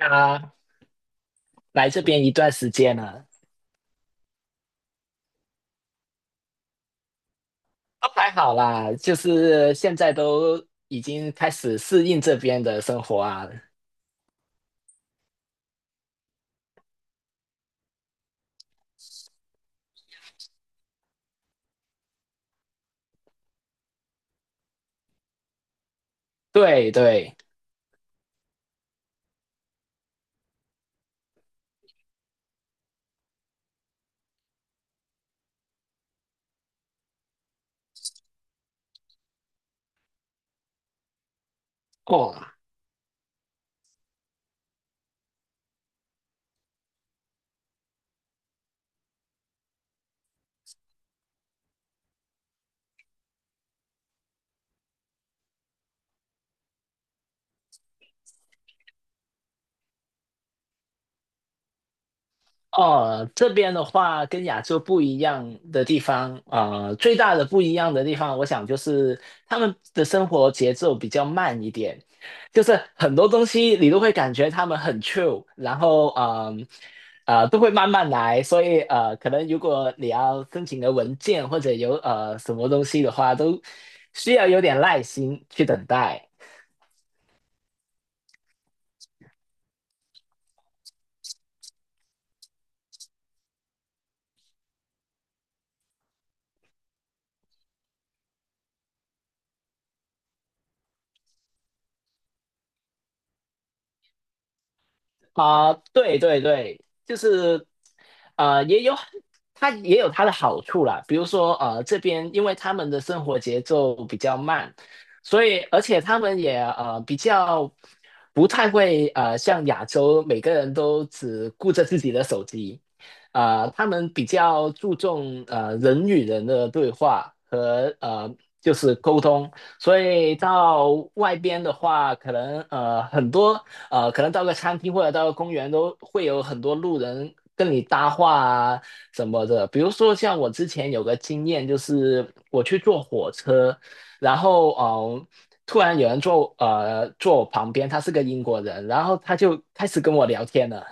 啊，来这边一段时间了，都还好啦，就是现在都已经开始适应这边的生活啊。对对。哦。哦，这边的话跟亚洲不一样的地方，最大的不一样的地方，我想就是他们的生活节奏比较慢一点，就是很多东西你都会感觉他们很 c h i l 然后都会慢慢来。所以可能如果你要申请个文件或者有什么东西的话，都需要有点耐心去等待。啊、对对对，就是呃，也有它也有它的好处啦。比如说这边因为他们的生活节奏比较慢，所以而且他们也比较不太会像亚洲每个人都只顾着自己的手机。他们比较注重人与人的对话和就是沟通。所以到外边的话，可能很多。可能到个餐厅或者到个公园都会有很多路人跟你搭话啊什么的。比如说像我之前有个经验，就是我去坐火车，然后突然有人坐我旁边，他是个英国人，然后他就开始跟我聊天了。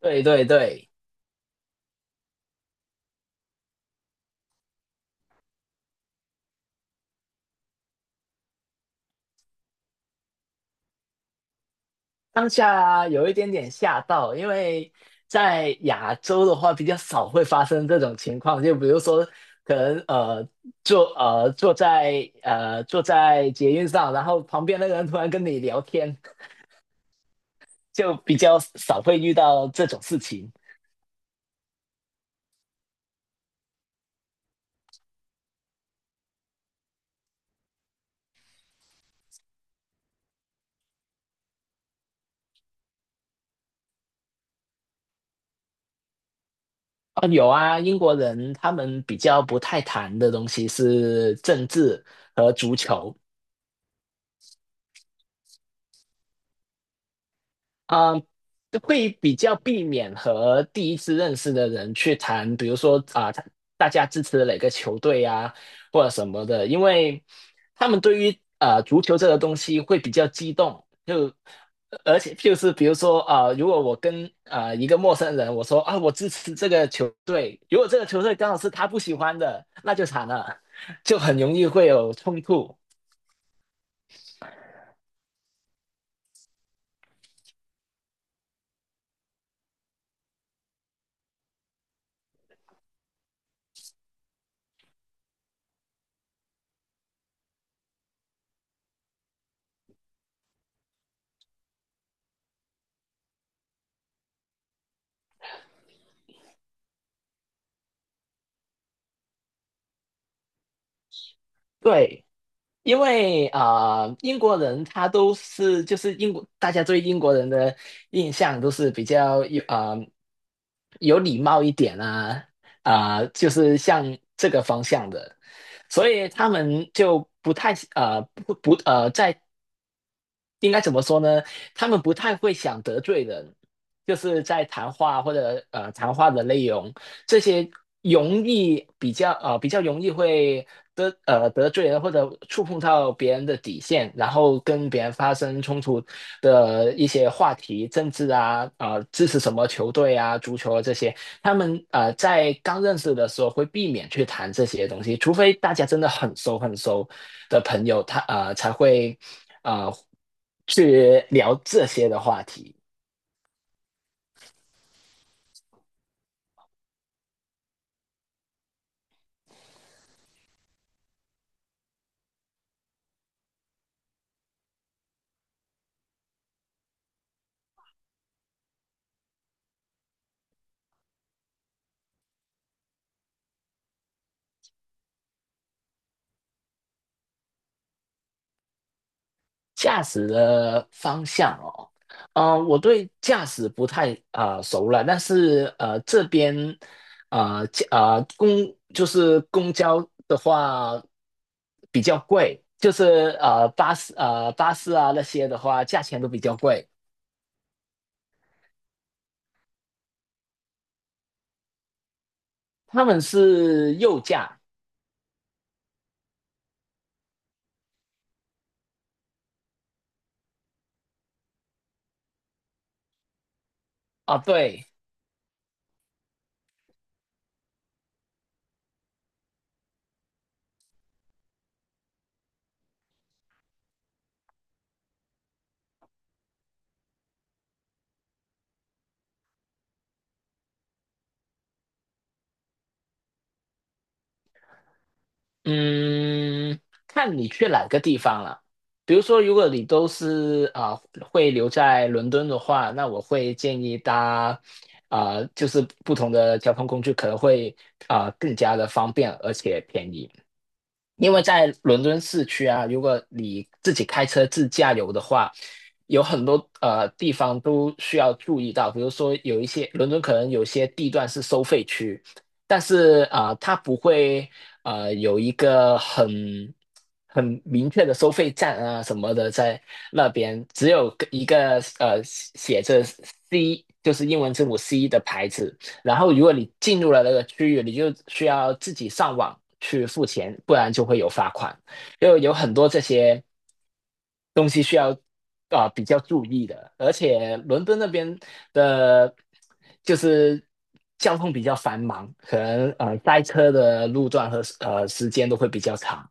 对对对。当下有一点点吓到，因为在亚洲的话比较少会发生这种情况，就比如说可能坐在捷运上，然后旁边那个人突然跟你聊天，就比较少会遇到这种事情。啊，有啊，英国人他们比较不太谈的东西是政治和足球。啊、呃会比较避免和第一次认识的人去谈，比如说啊、大家支持哪个球队啊，或者什么的。因为他们对于足球这个东西会比较激动，就而且就是比如说啊、如果我跟啊、一个陌生人我说啊我支持这个球队，如果这个球队刚好是他不喜欢的，那就惨了，就很容易会有冲突。对。因为啊、英国人他都是就是英国，大家对英国人的印象都是比较有礼貌一点啊，啊、就是像这个方向的。所以他们就不太呃不不呃在应该怎么说呢？他们不太会想得罪人，就是在谈话或者谈话的内容，这些容易比较啊比较容易会得罪人或者触碰到别人的底线，然后跟别人发生冲突的一些话题，政治啊啊支持什么球队啊足球啊这些，他们在刚认识的时候会避免去谈这些东西，除非大家真的很熟很熟的朋友，他才会。啊，去聊这些的话题。驾驶的方向哦，嗯、我对驾驶不太熟了，但是这边呃驾呃公就是公交的话比较贵，就是巴士啊那些的话价钱都比较贵。他们是右驾啊，对。嗯，看你去哪个地方了。比如说，如果你都是啊、会留在伦敦的话，那我会建议就是不同的交通工具可能会更加的方便而且便宜。因为在伦敦市区啊，如果你自己开车自驾游的话，有很多地方都需要注意到，比如说有一些伦敦可能有些地段是收费区，但是它不会有一个很明确的收费站啊什么的在那边，只有一个写着 C 就是英文字母 C 的牌子。然后如果你进入了那个区域，你就需要自己上网去付钱，不然就会有罚款。因为有很多这些东西需要比较注意的。而且伦敦那边的，就是交通比较繁忙，可能塞车的路段和时间都会比较长。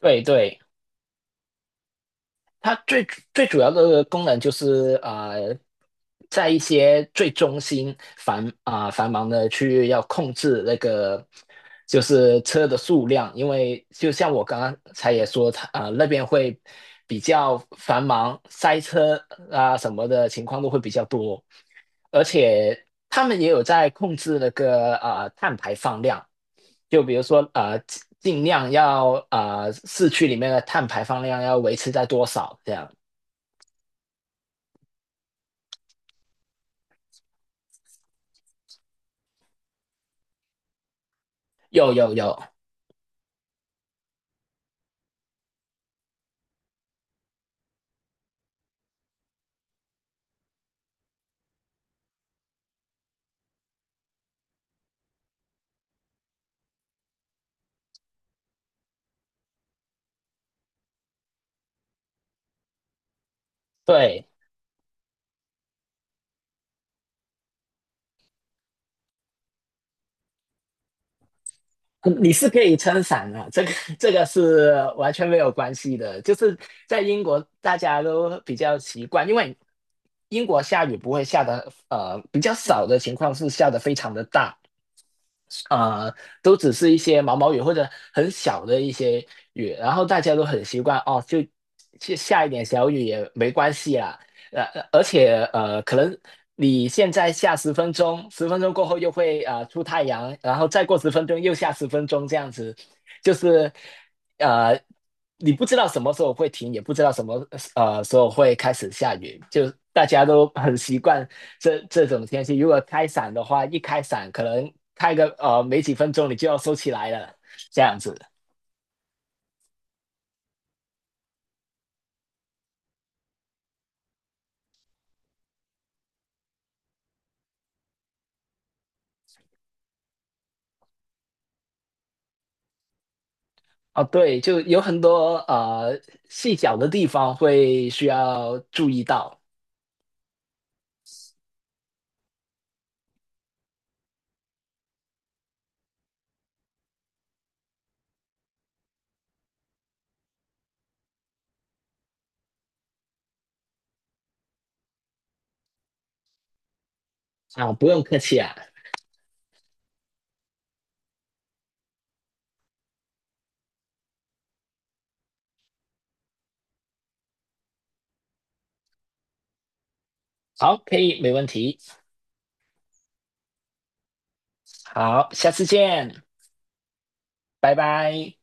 对对。它最最主要的功能就是在一些最中心繁忙的区域要控制那个就是车的数量。因为就像我刚刚才也说，那边会比较繁忙，塞车啊什么的情况都会比较多，而且他们也有在控制那个碳排放量。就比如说尽量要市区里面的碳排放量要维持在多少这样？有有有。对，嗯你是可以撑伞的，这个是完全没有关系的。就是在英国，大家都比较习惯。因为英国下雨不会下的，比较少的情况是下的非常的大，呃，都只是一些毛毛雨或者很小的一些雨，然后大家都很习惯哦，就下一点小雨也没关系啦。而且可能你现在下十分钟，十分钟过后又会出太阳，然后再过十分钟又下十分钟，这样子。就是呃，你不知道什么时候会停，也不知道什么时候会开始下雨，就大家都 很习惯这种天气。如果开伞的话，一开伞可能开个没几分钟你就要收起来了，这样子。哦，对，就有很多细小的地方会需要注意到。啊，不用客气啊。好，可以，没问题。好，下次见，拜拜。